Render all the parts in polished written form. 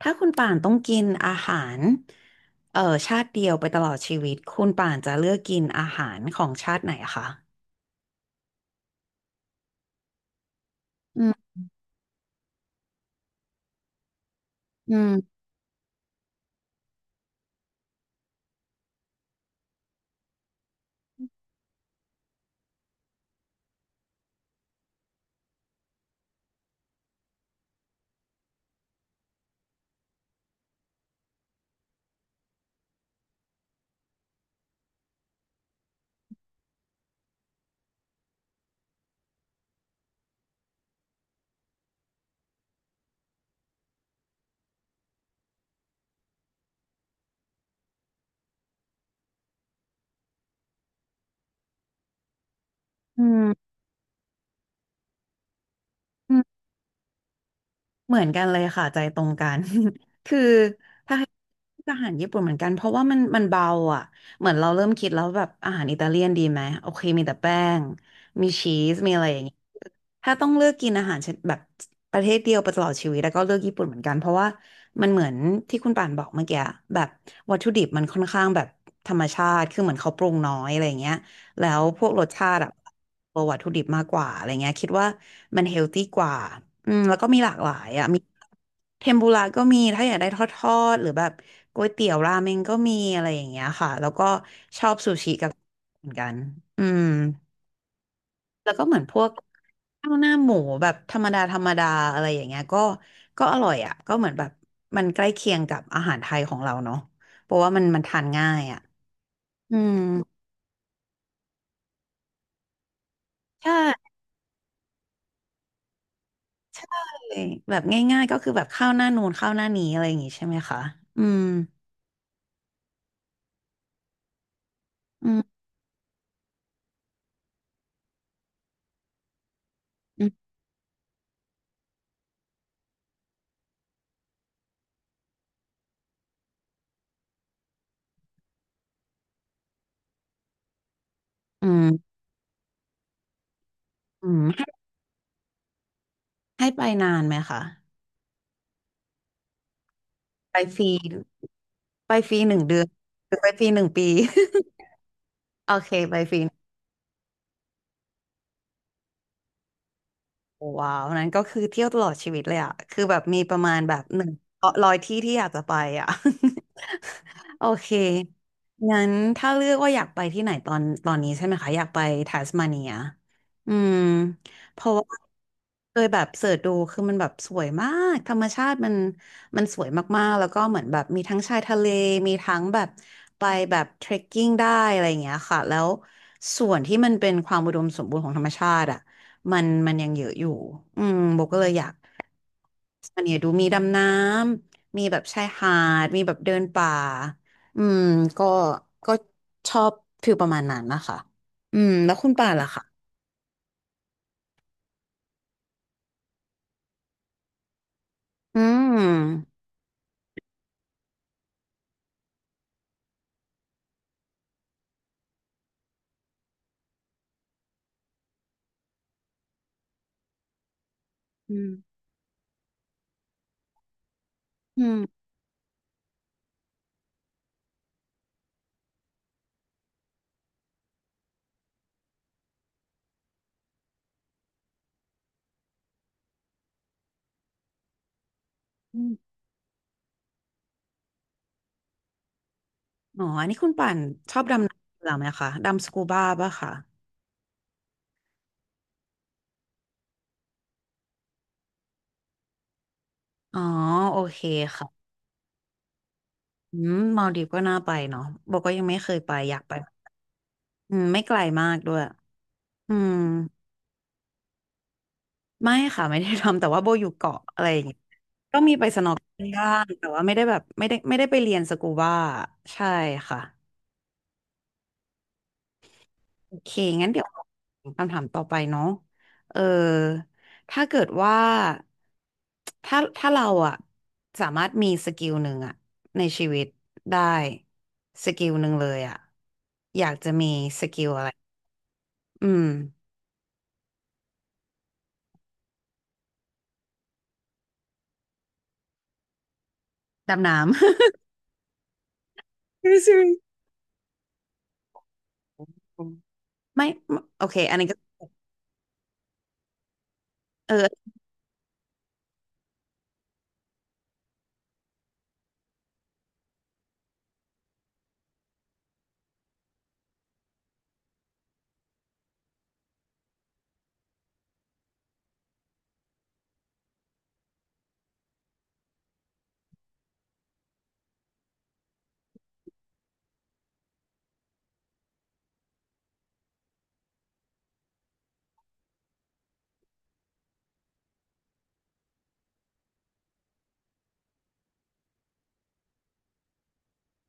ถ้าคุณป่านต้องกินอาหารเอ่อชาติเดียวไปตลอดชีวิตคุณป่านจะเลือกกินอาหารของชาติไหนอะคะอืมอืมอืม เหมือนกันเลยค่ะใจตรงกัน คือถ้าให้อาหารญี่ปุ่นเหมือนกันเพราะว่ามันเบาอ่ะเหมือนเราเริ่มคิดแล้วแบบอาหารอิตาเลียนดีไหมโอเคมีแต่แป้งมีชีสมีอะไรอย่างงี้ถ้าต้องเลือกกินอาหารชนิดแบบประเทศเดียวไปตลอดชีวิตแล้วก็เลือกญี่ปุ่นเหมือนกันเพราะว่ามันเหมือนที่คุณป่านบอกเมื่อกี้แบบวัตถุดิบมันค่อนข้างแบบธรรมชาติคือเหมือนเขาปรุงน้อยอะไรอย่างเงี้ย แล้วพวกรสชาติอะตัววัตถุดิบมากกว่าอะไรเงี้ยคิดว่ามันเฮลตี้กว่าอืมแล้วก็มีหลากหลายอะมีเทมปุระก็มีถ้าอยากได้ทอดๆหรือแบบก๋วยเตี๋ยวราเมงก็มีอะไรอย่างเงี้ยค่ะแล้วก็ชอบเหมือนกันอืมแล้วก็เหมือนพวกข้าวหน้าหมูแบบธรรมดาธรรมดาอะไรอย่างเงี้ยก็อร่อยอ่ะก็เหมือนแบบมันใกล้เคียงกับอาหารไทยของเราเนาะเพราะว่ามันทานง่ายอ่ะอืมใช่ เลยแบบง่ายๆก็คือแบบเข้าหน้านูนเข้าหน้านี้อะไรอย่างงี้ใช่ไหมคะอืม อืมอืมอืมอืมให้ให้ไปนานไหมคะไปฟรีไปฟรีหนึ่งเดือนหรือไปฟรีหนึ่งปี โอเคไปฟรีโอ้ว้าวนั้นก็คือเที่ยวตลอดชีวิตเลยอะคือแบบมีประมาณแบบ100ที่ที่อยากจะไปอะ โอเคงั้นถ้าเลือกว่าอยากไปที่ไหนตอนนี้ใช่ไหมคะอยากไปทัสมาเนียอืมเพราะว่าเคยแบบเสิร์ชดูคือมันแบบสวยมากธรรมชาติมันสวยมากๆแล้วก็เหมือนแบบมีทั้งชายทะเลมีทั้งแบบไปแบบเทรคกิ้งได้อะไรอย่างเงี้ยค่ะแล้วส่วนที่มันเป็นความอุดมสมบูรณ์ของธรรมชาติอ่ะมันยังเยอะอยู่อืมโบก็เลยอยากอันเนี้ยดูมีดำน้ำมีแบบชายหาดมีแบบเดินป่า อืมก็ก็ชอบฟิลประมาณนั้นนะคะอืมแล้วคุณป่านล่ะคะอืมอืมอืมอมอ๋ออันนี้คุณป่านชอบดำน้ำเหรอไหมคะดำสกูบ้าป่ะคะอ๋อโอเคค่ะอืมมาลดีฟก็น่าไปเนาะบอกก็ยังไม่เคยไปอยากไปอืมไม่ไกลมากด้วยอืมไม่ค่ะไม่ได้ทำแต่ว่าโบอยู่เกาะอะไรอย่างเงี้ยย่างแต่ว่าไม่ได้แบบไม่ได้ไปเรียนสกูบ้าใช่ค่ะ โอเคงั้นเดี๋ยวคำถามต่อไปเนาะเออถ้าเกิดว่าถ้าเราอะสามารถมีสกิลหนึ่งอะในชีวิตได้สกิลหนึ่งเลยอะอยากจะมีสกิลอะไรอืมดำน้ำ ไม่ใช่ำไม่ไม่โอเคอันนี้ก็เออ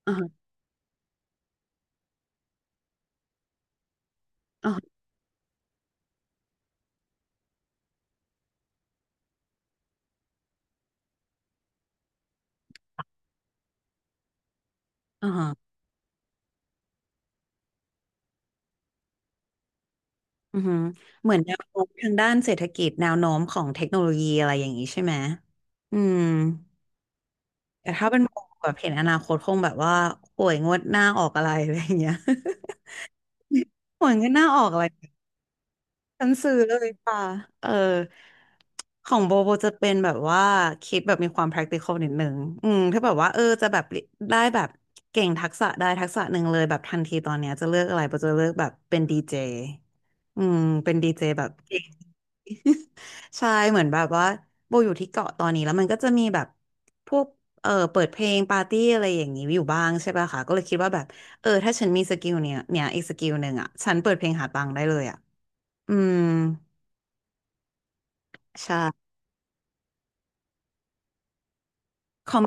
อ่าฮะอ่าฮะอ่าฮะอือือเหมือนแนวโน้มทางด้านเศรษฐกิจแนวโน้มของเทคโนโลยีอะไรอย่างนี้ใช่ไหมอืม แต่ถ้าเป็นโมแบบเห็นอนาคตคงแบบว่าหวยงวดหน้าออกอะไรอะไรอย่างเงี้ย หวยงวดหน้าออกอะไรฉันซื้อเลยป่ะเออของโบจะเป็นแบบว่าคิดแบบมีความ practical นิดนึงอืมถ้าแบบว่าเออจะแบบได้แบบเก่งทักษะได้ทักษะหนึ่งเลยแบบทันทีตอนเนี้ยจะเลือกอะไรโบจะเลือกแบบเป็นดีเจอืมเป็นดีเจแบบเก่ง ใช่เหมือนแบบว่าโบอยู่ที่เกาะตอนนี้แล้วมันก็จะมีแบบพวกเออเปิดเพลงปาร์ตี้อะไรอย่างนี้อยู่บ้างใช่ป่ะคะก็เลยคิดว่าแบบเออถ้าฉันมีสกิลเนี้ยเนี่ยอีกสกิลหนึ่งอ่ะฉันเปิดเพลงหาตังค์ได้เลยอ่ะอืมใช่คอม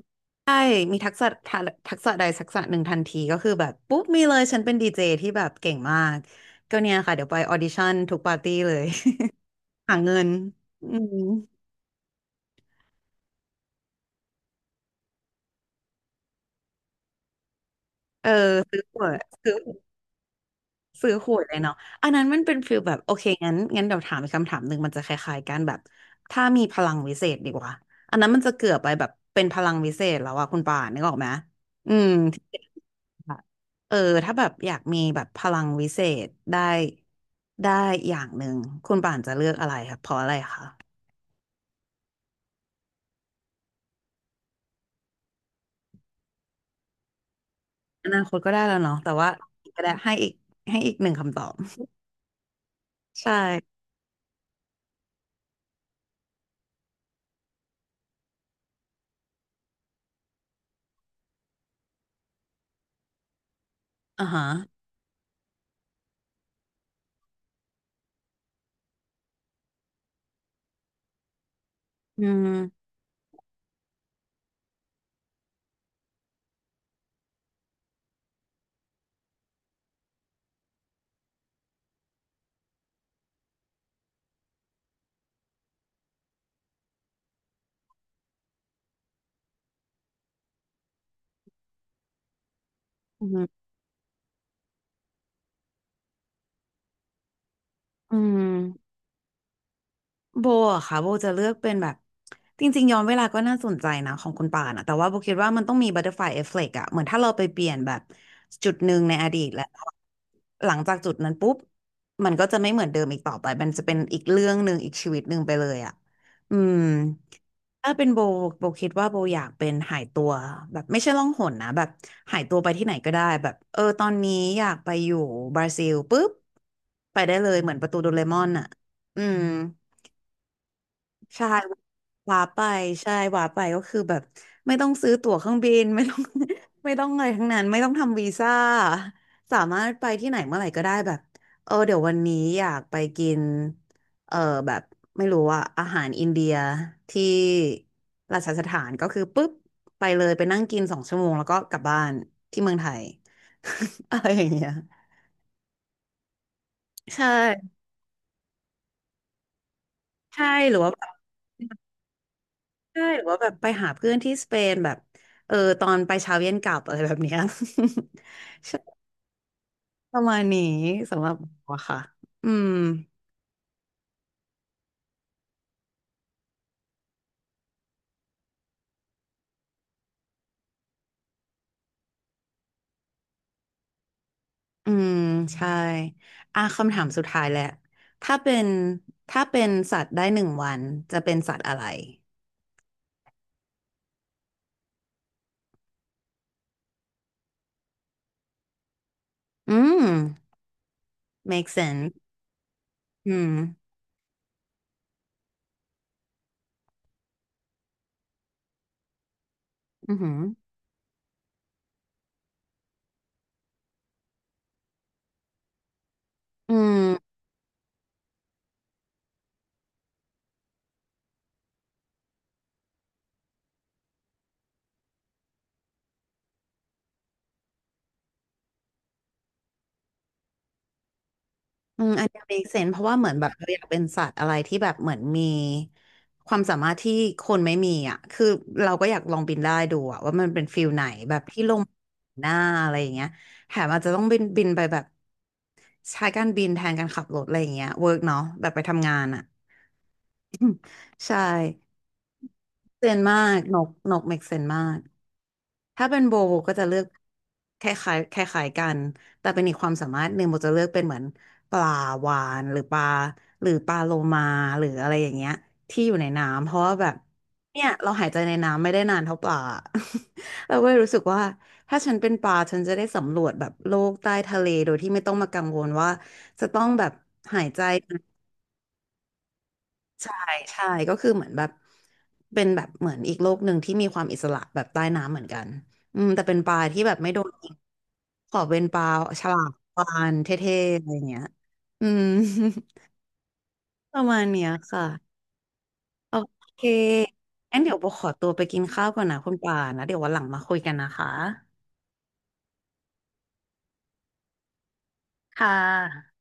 ใช่มีทักษะทัทักษะใดทักษะหนึ่งทันทีก็คือแบบปุ๊บมีเลยฉันเป็นดีเจที่แบบเก่งมากก็เนี่ยค่ะเดี๋ยวไปออดิชั่นทุกปาร์ตี้เลย หาเงินอืมเออซื้อตั๋วซื้อ ซื้อขวดเลยเนาะอันนั้นมันเป็นฟีลแบบโอเคงั้นเดี๋ยวถามอีกคำถามหนึ่งมันจะคล้ายๆกันแบบถ้ามีพลังวิเศษดีกว่าอันนั้นมันจะเกือบไปแบบเป็นพลังวิเศษแล้วอะคุณป่านนึกออกไหมอืมที่แบบเออถ้าแบบอยากมีแบบพลังวิเศษได้ได้อย่างหนึ่งคุณป่านจะเลือกอะไรครับเพราะอะไรคะอนาคตก็ได้แล้วเนาะแต่ว่าก็ได้ให้อีกให้อีกหนึ่งคำตอบใช่อ่าฮะอืมอืมอืม โบอะค่ะโบจะเลือกเป็นแบบจริงๆย้อนเวลาก็น่าสนใจนะของคุณป่านอะแต่ว่าโบคิดว่ามันต้องมีบัตเตอร์ฟลายเอฟเฟกต์อะเหมือนถ้าเราไปเปลี่ยนแบบจุดหนึ่งในอดีตและหลังจากจุดนั้นปุ๊บมันก็จะไม่เหมือนเดิมอีกต่อไปมันจะเป็นอีกเรื่องหนึ่งอีกชีวิตหนึ่งไปเลยอะอืมถ้าเป็นโบโบคิดว่าโบอยากเป็นหายตัวแบบไม่ใช่ล่องหนนะแบบหายตัวไปที่ไหนก็ได้แบบเออตอนนี้อยากไปอยู่บราซิลปุ๊บไปได้เลยเหมือนประตูโดเรมอนอะอืม ใช่หวาไปหวาไปก็คือแบบไม่ต้องซื้อตั๋วเครื่องบิน ไม่ต้อง ไม่ต้องอะไรทั้งนั้นไม่ต้องทำวีซ่าสามารถไปที่ไหนเมื่อไหร่ก็ได้แบบเออเดี๋ยววันนี้อยากไปกินเออแบบไม่รู้ว่าอาหารอินเดียที่ราชสถานก็คือปุ๊บไปเลยไปนั่งกิน2 ชั่วโมงแล้วก็กลับบ้านที่เมืองไทย อะไรอย่างเงี้ยใช่ใช่หรือว่าแบบ ใช่หรือว่าแบบไปหาเพื่อนที่สเปนแบบเออตอนไปเช้าเย็นกลับอะไรแบบเนี้ย ใช่ประมาณนี้สำหรับว่าค่ะอืมอืมใช่อ่ะคำถามสุดท้ายแหละถ้าเป็นถ้าเป็นสัตว์ได้หนึ่งวันจะเป็นสัตว์อะไรอืม make sense อืมอือหืออืม อืมอันเนี้ย make sense เพราะว่าเหมือนแบบเราอยากเป็นสัตว์อะไรที่แบบเหมือนมีความสามารถที่คนไม่มีอ่ะคือเราก็อยากลองบินได้ดูอ่ะว่ามันเป็นฟิลไหนแบบที่ลงหน้าอะไรอย่างเงี้ยแถมอาจจะต้องบินไปแบบใช้การบินแทนการขับรถอะไรอย่างเงี้ยเวิร์กเนาะแบบไปทำงานอ่ะใช่เซนมากนกเมกเซนมาก ถ้าเป็นโบโบก็จะเลือกคล้ายๆคล้ายๆกัน แต่เป็นอีกความสามารถหนึ่งโบจะเลือกเป็นเหมือนปลาวาฬหรือปลาหรือปลาโลมาหรืออะไรอย่างเงี้ยที่อยู่ในน้ำเพราะว่าแบบเนี่ยเราหายใจในน้ำไม่ได้นานเท่าปลา เราก็เลยรู้สึกว่าถ้าฉันเป็นปลาฉันจะได้สำรวจแบบโลกใต้ทะเลโดยที่ไม่ต้องมากังวลว่าจะต้องแบบหายใจ ใช่ก็คือเหมือนแบบเป็นแบบเหมือนอีกโลกหนึ่งที่มีความอิสระแบบใต้น้ำเหมือนกันอืมแต่เป็นปลาที่แบบไม่โดนยิงขอเป็นปลาฉลามวาฬเท่ๆอะไรเงี้ยอืม ประมาณเนี้ยค่ะ โอเคงั้นเดี๋ยวโบขอตัวไปกินข้าวก่อนนะคุณปานะ เดี๋ยววันหลังมาคุยกันนะคะ ค่ะ